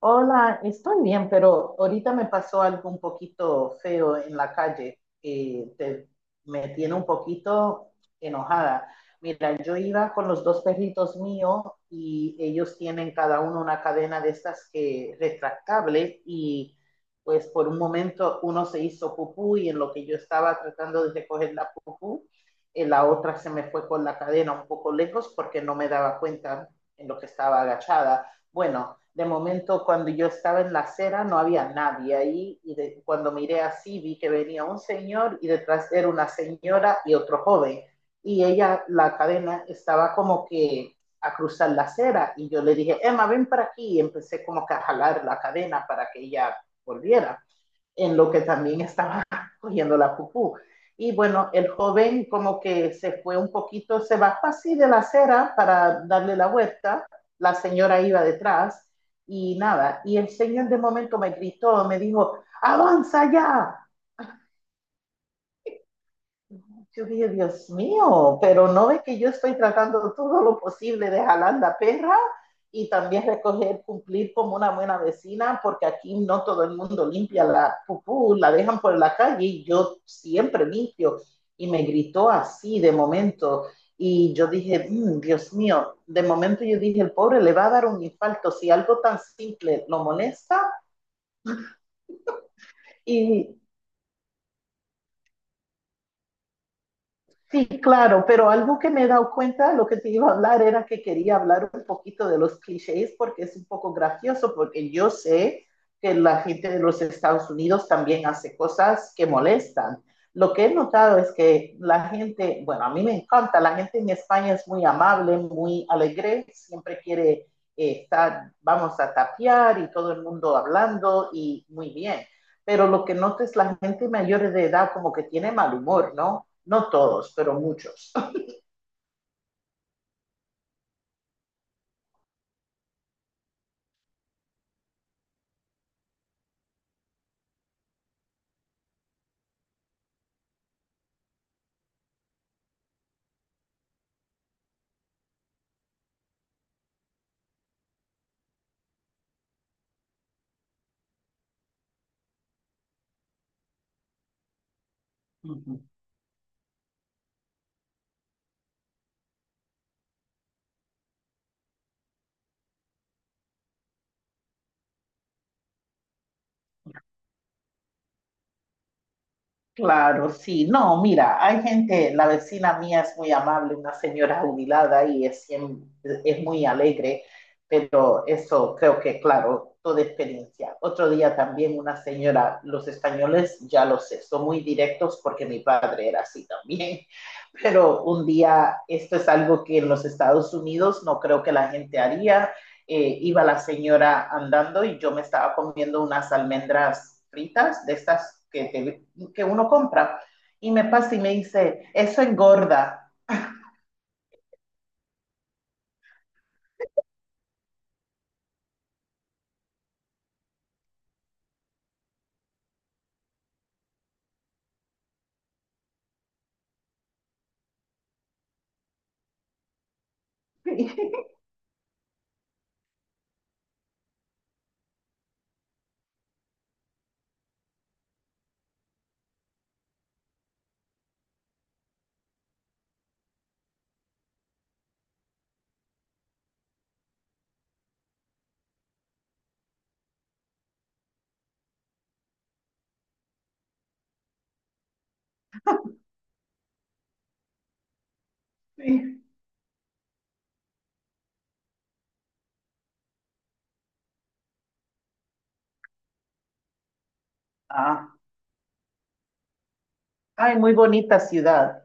Hola, estoy bien, pero ahorita me pasó algo un poquito feo en la calle que te- me tiene un poquito enojada. Mira, yo iba con los dos perritos míos y ellos tienen cada uno una cadena de estas que retractable, y pues por un momento uno se hizo pupú, y en lo que yo estaba tratando de recoger la pupú, la otra se me fue con la cadena un poco lejos porque no me daba cuenta en lo que estaba agachada. Bueno, de momento cuando yo estaba en la acera no había nadie ahí, y de, cuando miré así vi que venía un señor y detrás era una señora y otro joven, y ella, la cadena estaba como que a cruzar la acera, y yo le dije, Emma, ven para aquí, y empecé como que a jalar la cadena para que ella volviera, en lo que también estaba cogiendo la pupú. Y bueno, el joven como que se fue un poquito, se bajó así de la acera para darle la vuelta, la señora iba detrás, y nada, y el señor de momento me gritó, me dijo, avanza ya. Yo dije, Dios mío, pero no ve que yo estoy tratando todo lo posible de jalar la perra y también recoger, cumplir como una buena vecina, porque aquí no todo el mundo limpia la pupú, la dejan por la calle y yo siempre limpio. Y me gritó así de momento. Y yo dije, "Mm, Dios mío", de momento yo dije, el pobre le va a dar un infarto si algo tan simple lo molesta. Y sí, claro, pero algo que me he dado cuenta, lo que te iba a hablar era que quería hablar un poquito de los clichés, porque es un poco gracioso, porque yo sé que la gente de los Estados Unidos también hace cosas que molestan. Lo que he notado es que la gente, bueno, a mí me encanta, la gente en España es muy amable, muy alegre, siempre quiere estar, vamos a tapear y todo el mundo hablando y muy bien, pero lo que noto es la gente mayor de edad como que tiene mal humor, ¿no? No todos, pero muchos. Uh-huh. Claro, sí. No, mira, hay gente, la vecina mía es muy amable, una señora jubilada y es, siem- es muy alegre, pero eso creo que, claro, toda experiencia. Otro día también una señora, los españoles, ya lo sé, son muy directos porque mi padre era así también, pero un día, esto es algo que en los Estados Unidos no creo que la gente haría, iba la señora andando y yo me estaba comiendo unas almendras fritas de estas que, te, que uno compra. Y me pasa y me dice, eso engorda. Ah, ay, muy bonita ciudad.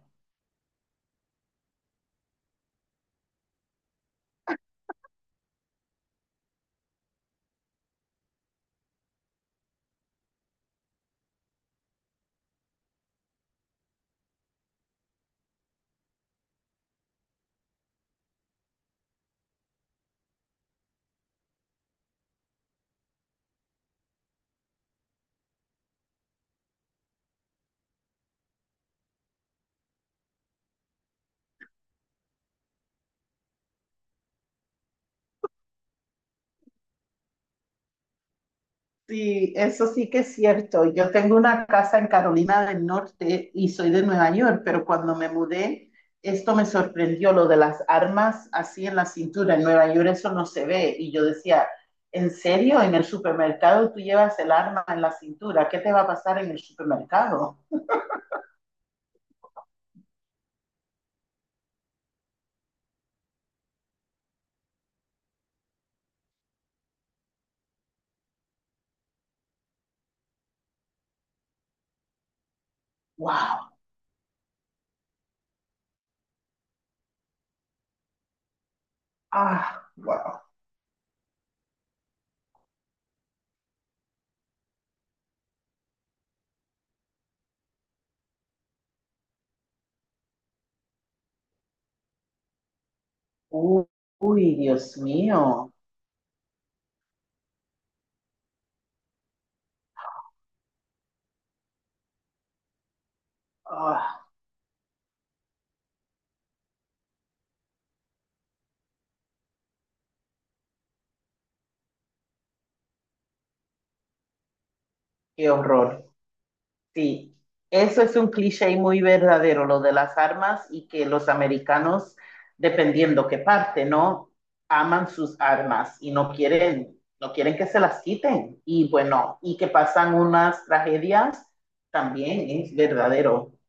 Sí, eso sí que es cierto. Yo tengo una casa en Carolina del Norte y soy de Nueva York, pero cuando me mudé, esto me sorprendió, lo de las armas así en la cintura. En Nueva York eso no se ve. Y yo decía, ¿en serio? En el supermercado tú llevas el arma en la cintura. ¿Qué te va a pasar en el supermercado? ¡Wow! ¡Ah! ¡Wow! ¡Uy, Dios mío! ¡Ah! ¡Qué horror! Sí, eso es un cliché muy verdadero, lo de las armas y que los americanos, dependiendo qué parte, ¿no? Aman sus armas y no quieren, no quieren que se las quiten. Y bueno, y que pasan unas tragedias, también es verdadero.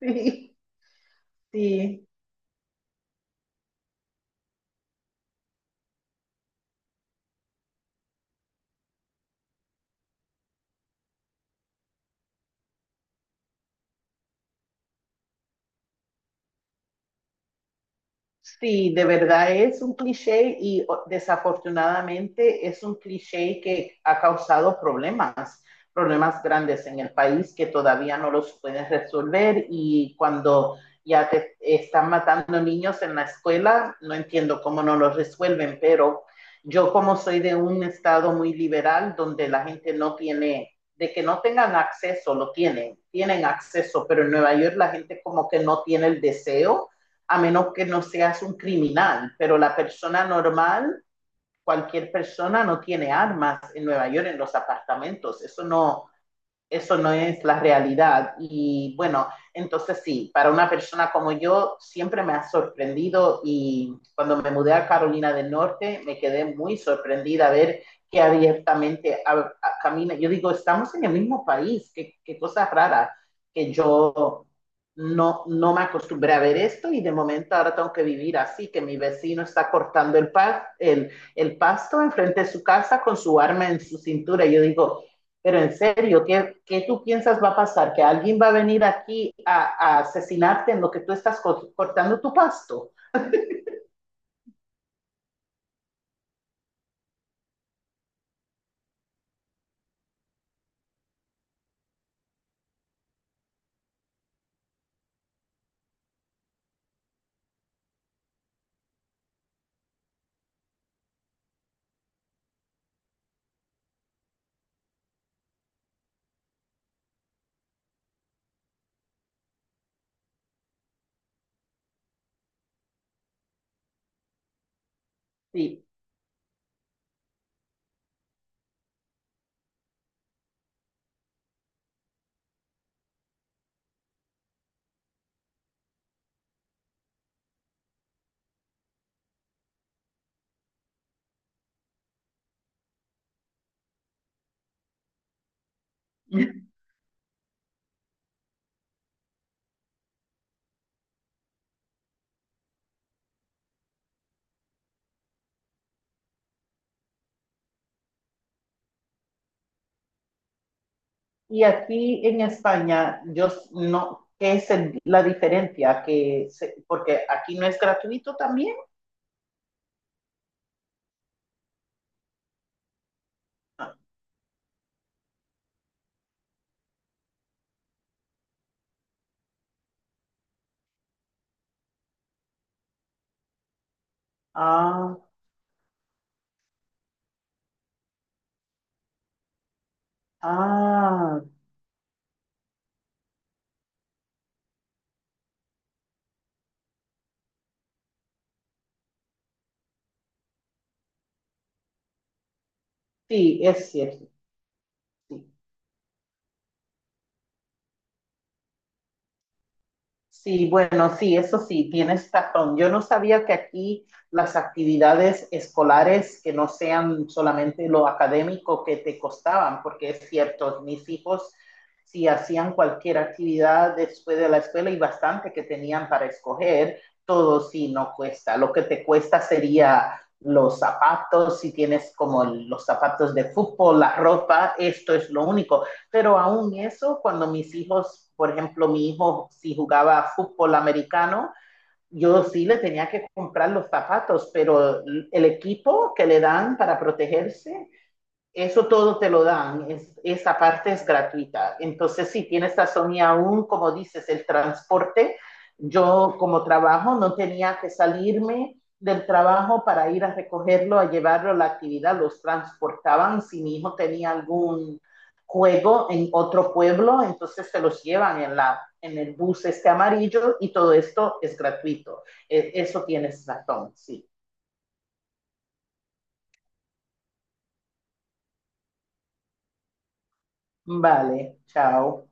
Sí, sí. Sí, de verdad es un cliché y o- desafortunadamente es un cliché que ha causado problemas, problemas grandes en el país que todavía no los pueden resolver, y cuando ya te están matando niños en la escuela, no entiendo cómo no los resuelven. Pero yo como soy de un estado muy liberal donde la gente no tiene, de que no tengan acceso, lo tienen, tienen acceso, pero en Nueva York la gente como que no tiene el deseo, a menos que no seas un criminal, pero la persona normal, cualquier persona no tiene armas en Nueva York, en los apartamentos, eso no es la realidad. Y bueno, entonces sí, para una persona como yo siempre me ha sorprendido, y cuando me mudé a Carolina del Norte me quedé muy sorprendida a ver que abiertamente a, camina. Yo digo, estamos en el mismo país, qué, qué cosa rara, que yo no, no me acostumbré a ver esto, y de momento ahora tengo que vivir así, que mi vecino está cortando el, pa el pasto enfrente de su casa con su arma en su cintura. Yo digo, pero en serio, ¿qué, qué tú piensas va a pasar? ¿Que alguien va a venir aquí a asesinarte en lo que tú estás cortando tu pasto? Sí. Y aquí en España, yo no, ¿qué es el- la diferencia? Que se- porque aquí no es gratuito también. Ah, ah, sí, es cierto. Sí. Sí, bueno, sí, eso sí, tienes razón. Yo no sabía que aquí las actividades escolares que no sean solamente lo académico que te costaban, porque es cierto, mis hijos si hacían cualquier actividad después de la escuela, y bastante que tenían para escoger, todo sí no cuesta. Lo que te cuesta sería los zapatos, si tienes como los zapatos de fútbol, la ropa, esto es lo único. Pero aún eso, cuando mis hijos, por ejemplo, mi hijo, si jugaba fútbol americano, yo sí le tenía que comprar los zapatos, pero el equipo que le dan para protegerse, eso todo te lo dan, es, esa parte es gratuita. Entonces, si tienes razón, y aún, como dices, el transporte, yo como trabajo no tenía que salirme del trabajo para ir a recogerlo, a llevarlo a la actividad, los transportaban. Si mi hijo tenía algún juego en otro pueblo, entonces se los llevan en, la, en el bus este amarillo, y todo esto es gratuito. E, eso tienes razón, sí. Vale, chao.